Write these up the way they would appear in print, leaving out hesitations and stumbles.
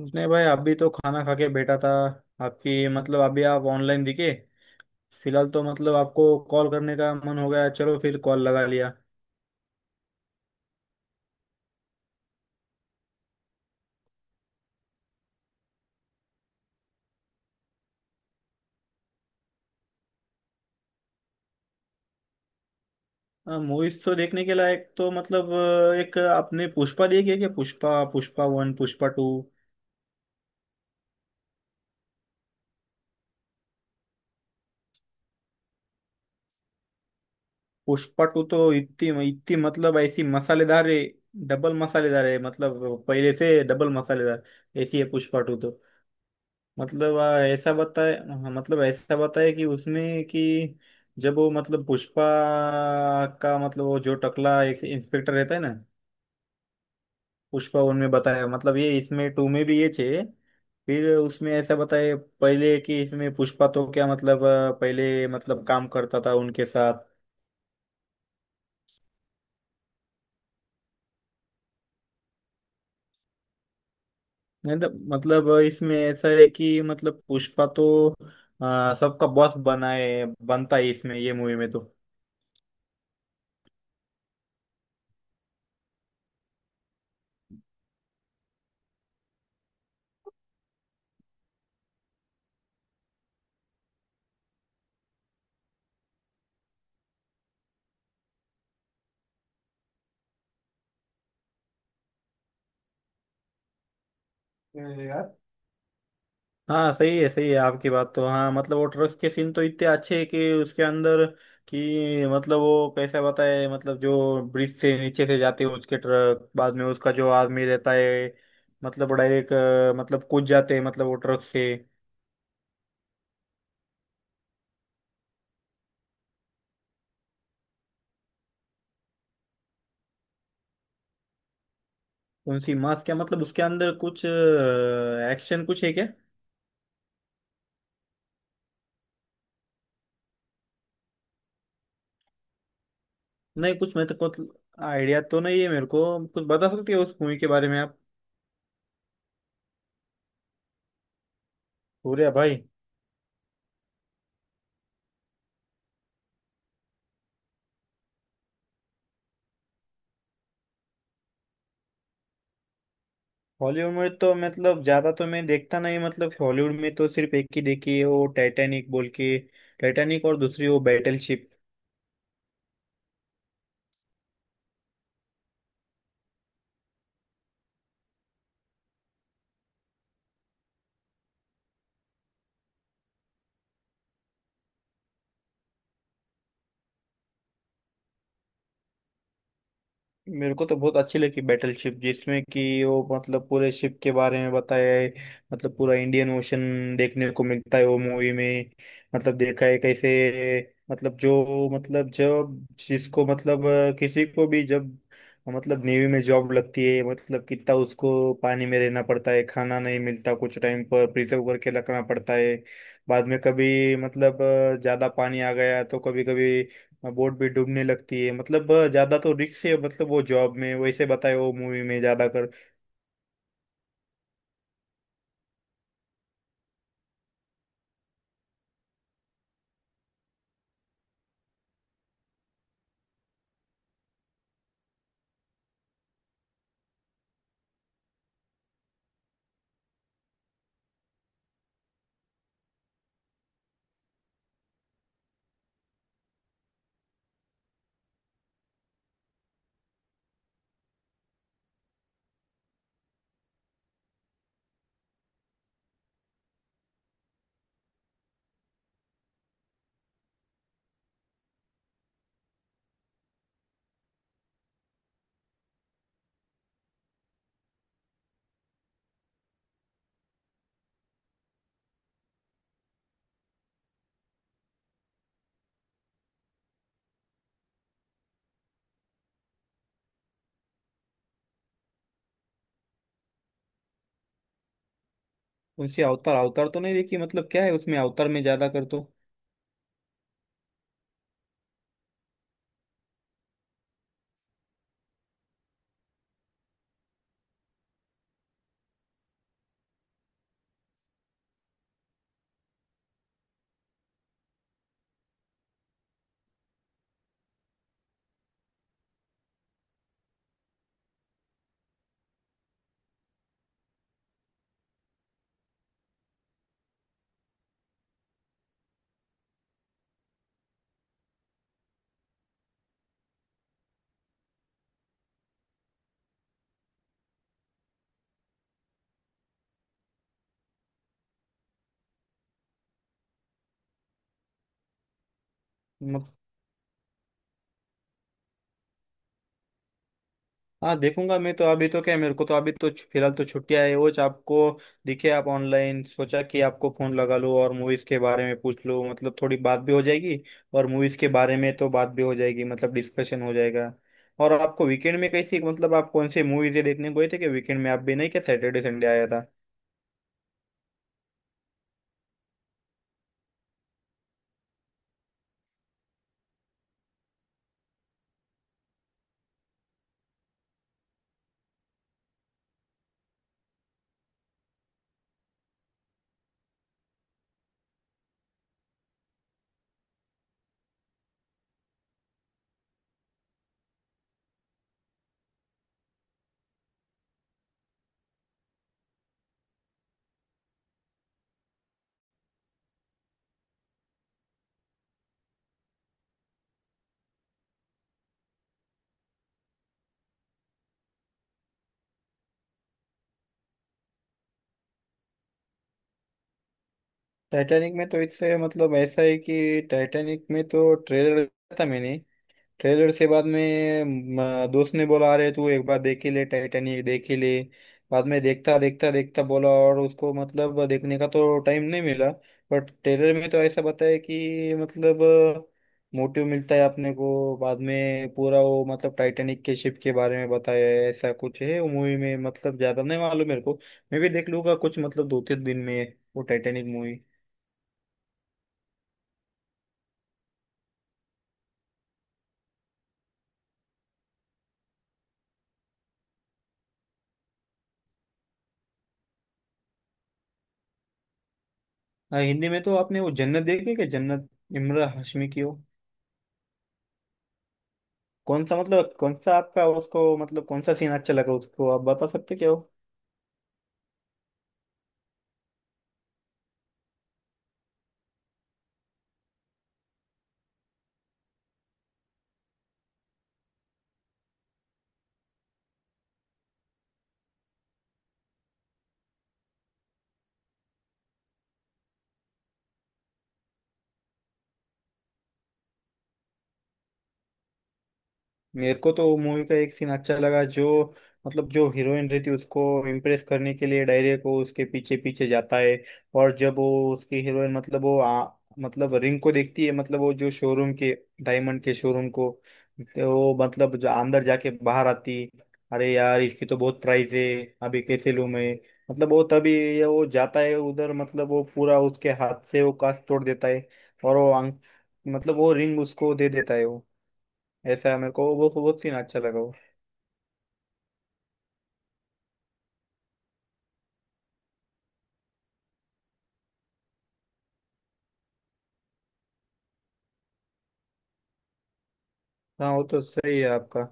उसने भाई अभी तो खाना खा के बैठा था। आपकी मतलब अभी आप ऑनलाइन दिखे। फिलहाल तो मतलब आपको कॉल करने का मन हो गया, चलो फिर कॉल लगा लिया। मूवीज तो देखने के लायक तो मतलब एक आपने पुष्पा देखी है क्या? Pushpa, Pushpa one, Pushpa two. Pushpa two तो इतनी इतनी मतलब ऐसी मसालेदार है, डबल मसालेदार है, मतलब पहले से डबल मसालेदार। ऐसी है पुष्पा टू तो। मतलब ऐसा बताए। हाँ, मतलब ऐसा बताए कि उसमें कि जब वो मतलब पुष्पा का मतलब वो जो टकला एक इंस्पेक्टर रहता है ना। पुष्पा उनमें बताया मतलब ये, इसमें टू में भी ये चाहिए। फिर उसमें ऐसा बताए पहले कि इसमें पुष्पा तो क्या मतलब पहले मतलब काम करता था उनके साथ। नहीं तो, मतलब इसमें ऐसा है कि मतलब पुष्पा तो सबका बॉस बनाए बनता है इसमें, ये मूवी में। तो हाँ सही है आपकी बात तो। हाँ मतलब वो ट्रक्स के सीन तो इतने अच्छे हैं कि उसके अंदर कि मतलब वो कैसा बताए, मतलब जो ब्रिज से नीचे से जाते हैं उसके ट्रक, बाद में उसका जो आदमी रहता है, मतलब डायरेक्ट मतलब कूद जाते हैं मतलब वो ट्रक से। कौन सी मास? क्या मतलब उसके अंदर कुछ एक्शन कुछ है क्या? नहीं कुछ, मैं तो कुछ आइडिया तो नहीं है मेरे को। कुछ बता सकती हो उस मूवी के बारे में आप? पूरे भाई। हॉलीवुड में तो मतलब ज्यादा तो मैं देखता नहीं, मतलब हॉलीवुड में तो सिर्फ एक ही देखी है, वो टाइटैनिक बोल के। टाइटैनिक और दूसरी वो बैटल शिप। मेरे को तो बहुत अच्छी लगी बैटलशिप, जिसमें कि वो मतलब पूरे शिप के बारे में बताया है, मतलब पूरा इंडियन ओशन देखने को मिलता है वो मूवी में। मतलब देखा है कैसे, मतलब जो मतलब जब जिसको मतलब किसी को भी जब मतलब नेवी में जॉब लगती है, मतलब कितना उसको पानी में रहना पड़ता है, खाना नहीं मिलता, कुछ टाइम पर प्रिजर्व करके रखना पड़ता है। बाद में कभी मतलब ज्यादा पानी आ गया तो कभी कभी बोट भी डूबने लगती है, मतलब ज्यादा तो रिक्स है मतलब वो जॉब में, वैसे बताए वो मूवी में ज्यादा कर। उनसे अवतार, अवतार तो नहीं देखी, मतलब क्या है उसमें अवतार में ज्यादा कर तो। मत- हाँ देखूंगा मैं तो। अभी तो क्या है, मेरे को तो अभी तो फिलहाल तो छुट्टियां है। वो आपको दिखे आप ऑनलाइन, सोचा कि आपको फोन लगा लो और मूवीज के बारे में पूछ लो, मतलब थोड़ी बात भी हो जाएगी। और मूवीज के बारे में तो बात भी हो जाएगी, मतलब डिस्कशन हो जाएगा। और आपको वीकेंड में कैसी, मतलब आप कौन से मूवीज देखने गए थे? कि वीकेंड में आप भी नहीं क्या, सैटरडे संडे आया था? टाइटैनिक में तो इससे मतलब ऐसा है कि टाइटैनिक में तो ट्रेलर देखा था मैंने। ट्रेलर से बाद में दोस्त ने बोला, अरे तू एक बार देख ही ले, टाइटैनिक देख ही ले। बाद में देखता देखता देखता बोला, और उसको मतलब देखने का तो टाइम नहीं मिला। बट ट्रेलर में तो ऐसा बताया कि मतलब मोटिव मिलता है अपने को, बाद में पूरा वो मतलब टाइटैनिक के शिप के बारे में बताया है, ऐसा कुछ है वो मूवी में, मतलब ज्यादा नहीं मालूम मेरे को। मैं भी देख लूंगा कुछ, मतलब दो तीन दिन में वो टाइटैनिक मूवी। हाँ, हिंदी में तो आपने वो जन्नत देखी क्या? जन्नत इमरान हाशमी की हो। कौन सा मतलब कौन सा आपका उसको, मतलब कौन सा सीन अच्छा लगा उसको? आप बता सकते क्या हो? मेरे को तो मूवी का एक सीन अच्छा लगा, जो मतलब जो हीरोइन रहती है, उसको इम्प्रेस करने के लिए डायरे को उसके पीछे पीछे जाता है। और जब वो उसकी हीरोइन मतलब वो मतलब रिंग को देखती है, मतलब वो जो शोरूम के, डायमंड के शोरूम को। तो वो मतलब जो अंदर जाके बाहर आती, अरे यार इसकी तो बहुत प्राइस है, अभी कैसे लूं मैं। मतलब वो तभी ये, वो जाता है उधर, मतलब वो पूरा उसके हाथ से वो कांच तोड़ देता है, और वो अंग मतलब वो रिंग उसको दे देता है वो। ऐसा है, मेरे को वो तो बहुत सीन अच्छा लगा वो। हाँ वो तो सही है आपका।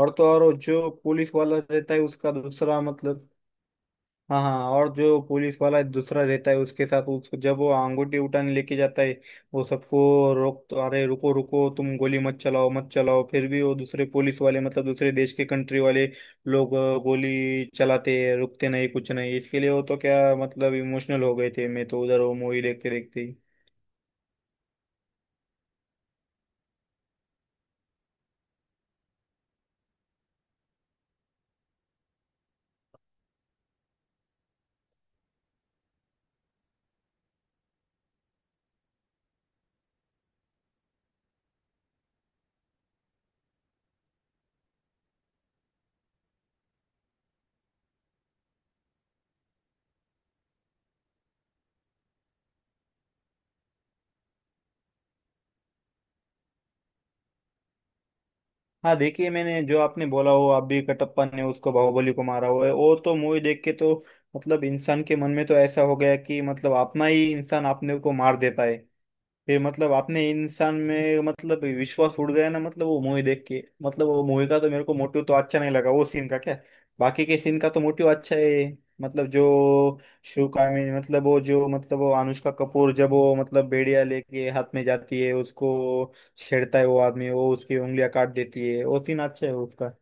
और तो और वो जो पुलिस वाला रहता है उसका दूसरा मतलब। हाँ हाँ, और जो पुलिस वाला दूसरा रहता है उसके साथ, उसको जब वो अंगूठी उठाने लेके जाता है वो सबको रोक तो, अरे रुको रुको तुम गोली मत चलाओ मत चलाओ, फिर भी वो दूसरे पुलिस वाले मतलब दूसरे देश के कंट्री वाले लोग गोली चलाते हैं, रुकते नहीं, कुछ नहीं इसके लिए। वो तो क्या मतलब इमोशनल हो गए थे, मैं तो उधर वो मूवी देखते देखते ही। हाँ देखिए, मैंने जो आपने बोला वो आप भी, कटप्पा ने उसको बाहुबली को मारा हुआ है, और तो मूवी देख के तो मतलब इंसान के मन में तो ऐसा हो गया कि मतलब अपना ही इंसान अपने को मार देता है। फिर मतलब आपने इंसान में मतलब विश्वास उड़ गया ना, मतलब वो मूवी देख के, मतलब वो मूवी का तो मेरे को मोटिव तो अच्छा नहीं लगा वो सीन का, क्या। बाकी के सीन का तो मोटिव अच्छा है। मतलब जो शिव कामिनी मतलब वो जो मतलब वो अनुष्का कपूर जब वो मतलब बेड़िया लेके हाथ में जाती है, उसको छेड़ता है वो आदमी, वो उसकी उंगलियां काट देती है, वो सीन अच्छा है उसका।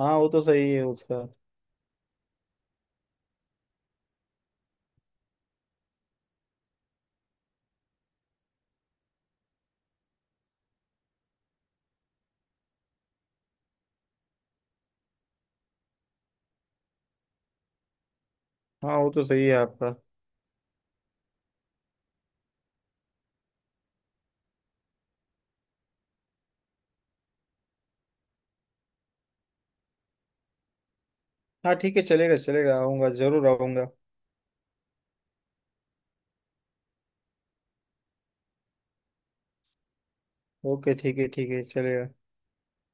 हाँ वो तो सही है उसका। हाँ वो तो सही है आपका। हाँ ठीक है, चलेगा चलेगा, आऊंगा जरूर आऊंगा। ओके ठीक है चलेगा।